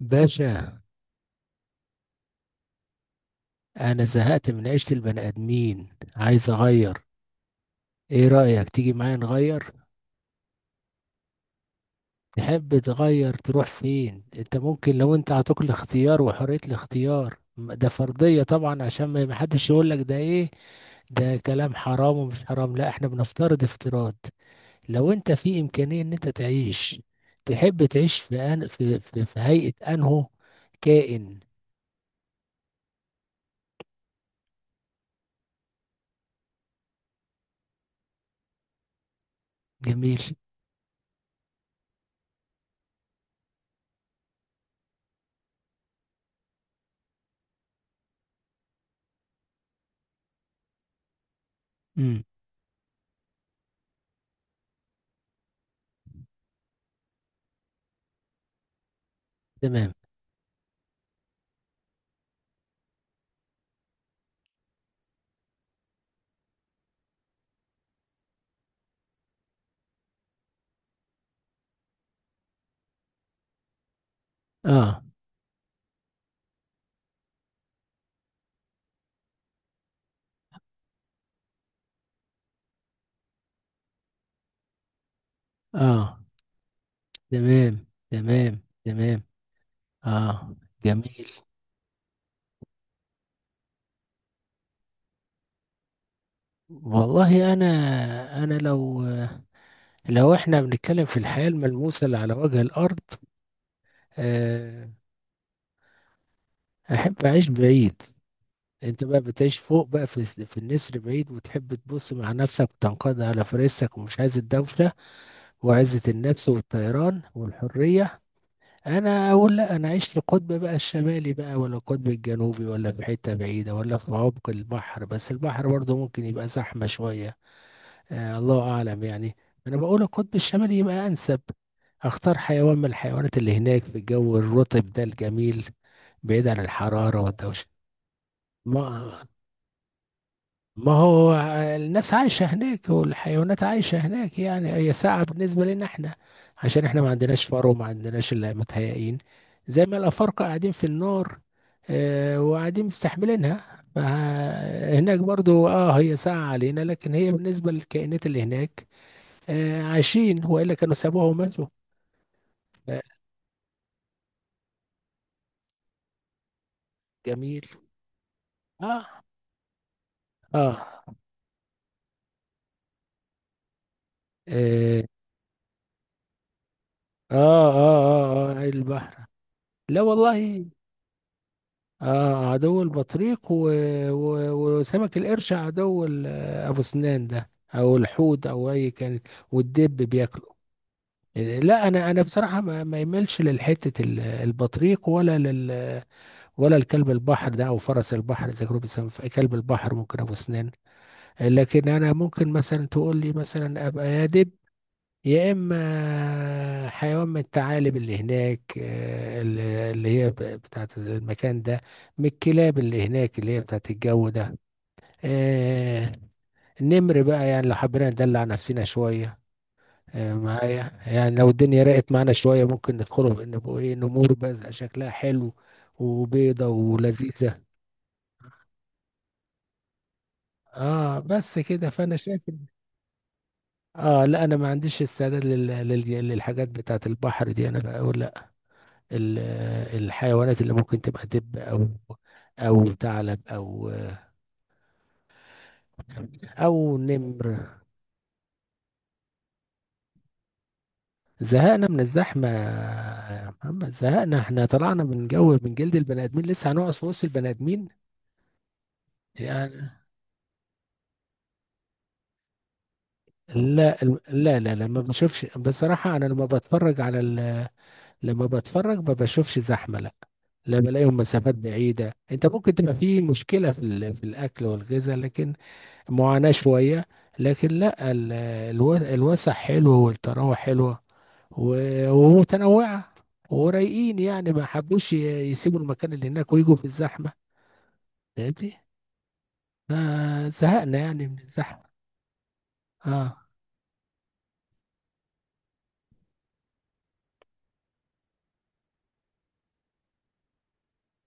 باشا، انا زهقت من عيشة البني ادمين. عايز اغير. ايه رأيك تيجي معايا نغير؟ تحب تغير تروح فين؟ انت ممكن، لو انت عطوك الاختيار وحرية الاختيار، ده فرضية طبعا، عشان ما حدش يقول لك ده ايه. ده كلام حرام ومش حرام. لا احنا بنفترض افتراض. لو انت في امكانية ان انت تعيش، تحب تعيش في أن... في... في... في هيئة انه كائن. جميل. امم. تمام. اه، اه. تمام، تمام، تمام. اه. جميل. والله انا، انا لو لو احنا بنتكلم في الحياة الملموسة اللي على وجه الارض، آه احب اعيش بعيد. انت بقى بتعيش فوق بقى في النسر بعيد، وتحب تبص مع نفسك وتنقض على فريسك ومش عايز الدوشة وعزة النفس والطيران والحرية. انا اقول لا، انا عشت القطب بقى الشمالي بقى، ولا القطب الجنوبي، ولا في حته بعيده، ولا في عمق البحر. بس البحر برضه ممكن يبقى زحمه شويه. الله اعلم يعني. انا بقول القطب الشمالي يبقى انسب. اختار حيوان من الحيوانات اللي هناك في الجو الرطب ده الجميل، بعيد عن الحراره والدوشه. ما ما هو الناس عايشة هناك والحيوانات عايشة هناك، يعني هي ساعة بالنسبة لنا احنا، عشان احنا ما عندناش فار وما عندناش اللي متهيئين، زي ما الأفارقة قاعدين في النار، اه، وقاعدين مستحملينها. فهناك برضو اه هي ساعة علينا، لكن هي بالنسبة للكائنات اللي هناك، اه، عايشين وإلا كانوا سابوها وماتوا. آه، جميل. اه. اه. اه. اه، اه، آه، آه، آه، البحر. لا والله. اه، عدو البطريق و... و... وسمك القرش، عدو ابو سنان ده، او الحوت، او اي كانت، والدب بياكله. لا، انا بصراحه ما يملش للحته، البطريق، ولا ولا الكلب البحر ده او فرس البحر، اذا كانوا بيسموه كلب البحر. ممكن ابو سنان، لكن انا ممكن مثلا تقول لي مثلا ابقى يا دب، يا اما حيوان من الثعالب اللي هناك، اللي هي بتاعت المكان ده، من الكلاب اللي هناك اللي هي بتاعت الجو ده. آه، نمر بقى يعني لو حبينا ندلع نفسنا شوية، معايا، يعني لو الدنيا رقت معانا شوية ممكن ندخله بقى نبقوا ايه نمور، بس شكلها حلو وبيضة ولذيذة. اه، بس كده فانا شايف اه لا، انا ما عنديش استعداد للحاجات بتاعت البحر دي. انا بقول ال- الحيوانات اللي ممكن تبقى دب، او او ثعلب، او او نمر. زهقنا من الزحمه يا محمد، زهقنا. احنا طلعنا من جو، من جلد البني ادمين، لسه هنقعد في وسط البني ادمين؟ يعني، لا لا، لا، لا، ما بشوفش بصراحه. انا لما بتفرج على لما بتفرج ما بشوفش زحمه، لا. لا بلاقيهم مسافات بعيده. انت ممكن تبقى في مشكله في الاكل والغذاء، لكن معاناة شوية. لكن لا، الوسع حلوة والطراوة حلوة و- ومتنوعة، ورايقين. يعني ما حبوش يسيبوا المكان اللي هناك ويجوا في الزحمة. فاهمني؟ فزهقنا يعني من الزحمة. اه.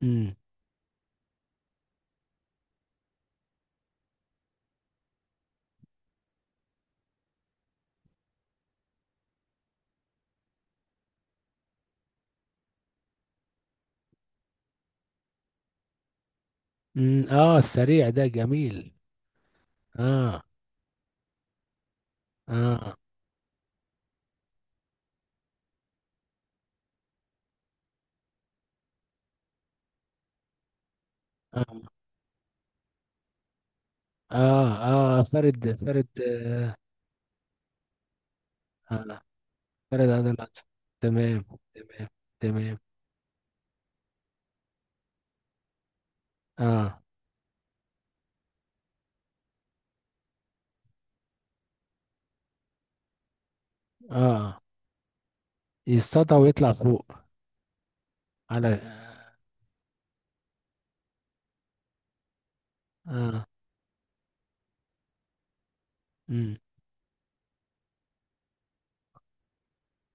امم. امم. اه، السريع ده جميل. اه. اه. اه. اه، آه، فرد فرد، آه، آه، فرد عضلات. تمام، تمام، تمام. اه. اه. يصطاد ويطلع فوق على، اه. امم.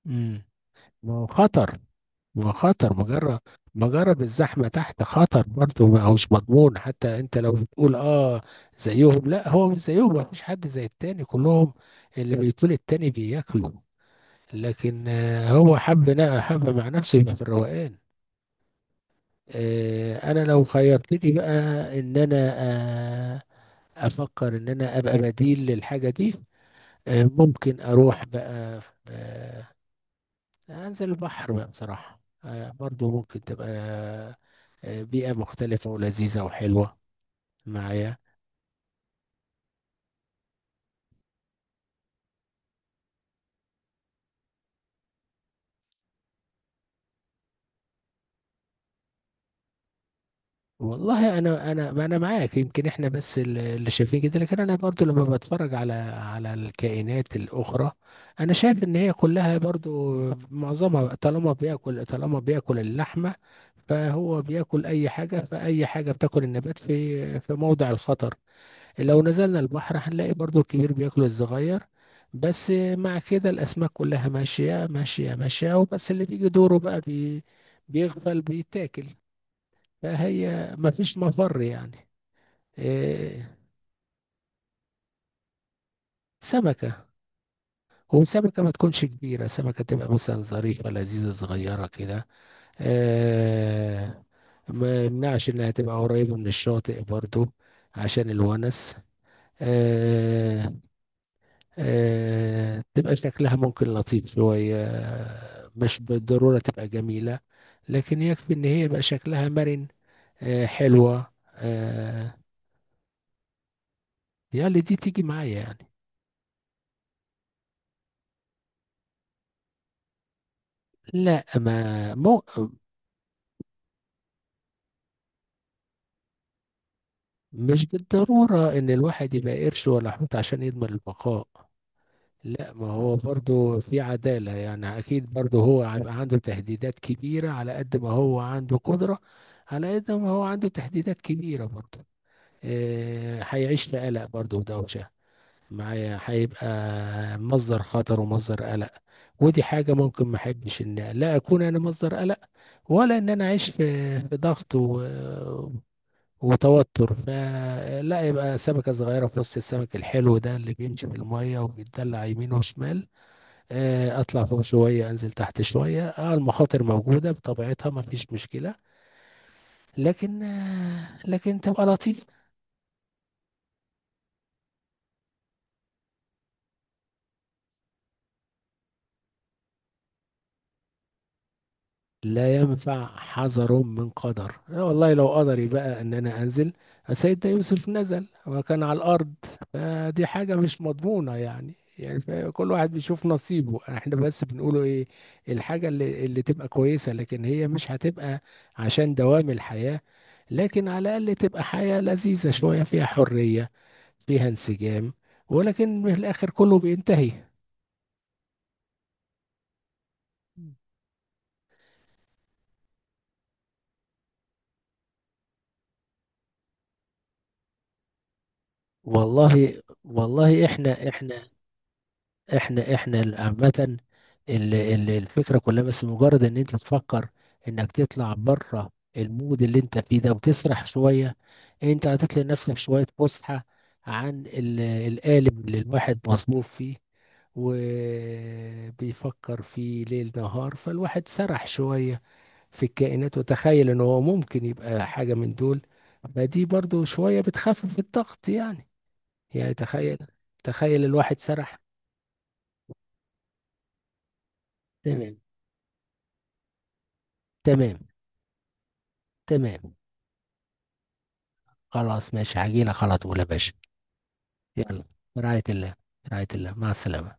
امم. ما هو خطر، ما هو خطر. مجرد مجرد الزحمه تحت خطر برضه، ما هوش مضمون. حتى انت لو بتقول اه زيهم، لا هو مش زيهم، ما فيش حد زي التاني، كلهم اللي بيطول التاني بياكلوا. لكن آه، هو حب حب مع نفسه يبقى في الروقان. انا لو خيرتني بقى ان انا، آه افكر ان انا ابقى بديل للحاجه دي، ممكن اروح بقى، آه، انزل البحر بقى بصراحة، برضو ممكن تبقى بيئة مختلفة ولذيذة وحلوة معايا. والله انا، انا معاك، يمكن احنا بس اللي شايفين كده. لكن انا برضو لما بتفرج على على الكائنات الاخرى، انا شايف ان هي كلها برضو معظمها، طالما بياكل، طالما بياكل اللحمة، فهو بياكل اي حاجة. فاي حاجة بتاكل النبات في في موضع الخطر. لو نزلنا البحر هنلاقي برضو الكبير بياكل الصغير، بس مع كده الأسماك كلها ماشية ماشية ماشية، وبس اللي بيجي دوره بقى بيغفل بيتاكل. فهي مفيش مفر يعني. إيه. سمكة، وسمكة ما تكونش كبيرة، سمكة تبقى مثلا ظريفة لذيذة صغيرة كده. إيه، ما يمنعش إنها تبقى قريبة من الشاطئ برضو عشان الونس، آه، تبقى شكلها ممكن لطيف شوية، مش بالضرورة تبقى جميلة، لكن يكفي ان هي يبقى شكلها مرن حلوة يعني دي تيجي معايا يعني. لا، ما مو مش بالضرورة ان الواحد يبقى قرش ولا حوت عشان يضمن البقاء. لا ما هو برضو في عدالة يعني، اكيد برضو هو هيبقى عنده تهديدات كبيرة على قد ما هو عنده قدرة. على قد ما هو عنده تهديدات كبيرة برضو، هيعيش في قلق برضه ودوشة. معايا هيبقى مصدر خطر ومصدر قلق، ودي حاجة ممكن ما احبش ان لا اكون انا مصدر قلق، ولا ان انا اعيش في في ضغط و... وتوتر. فلا، يبقى سمكة صغيرة في نص السمك الحلو ده اللي بيمشي في المية وبيتدلع يمين وشمال، اطلع فوق شوية انزل تحت شوية. اه المخاطر موجودة بطبيعتها ما فيش مشكلة، لكن لكن تبقى لطيف. لا ينفع حذر من قدر. أنا والله لو قدري بقى ان انا انزل، سيدنا يوسف نزل وكان على الارض. فدي حاجة مش مضمونة يعني. يعني كل واحد بيشوف نصيبه. احنا بس بنقوله ايه، الحاجة اللي تبقى كويسة، لكن هي مش هتبقى عشان دوام الحياة، لكن على الاقل تبقى حياة لذيذة شوية فيها حرية، فيها انسجام، ولكن في الاخر كله بينتهي. والله، والله، احنا، احنا عامة، الفكرة كلها بس مجرد ان انت تفكر انك تطلع بره المود اللي انت فيه ده وتسرح شوية. انت هتطلع لنفسك شوية فسحة عن القالب اللي الواحد مصبوب فيه وبيفكر فيه ليل نهار. فالواحد سرح شوية في الكائنات وتخيل ان هو ممكن يبقى حاجة من دول. فدي برضو شوية بتخفف الضغط يعني. يعني تخيل، تخيل الواحد سرح. تمام، تمام، تمام. خلاص ماشي، هجيلك على طول يا باشا. يلا. برعاية الله. برعاية الله، مع السلامة.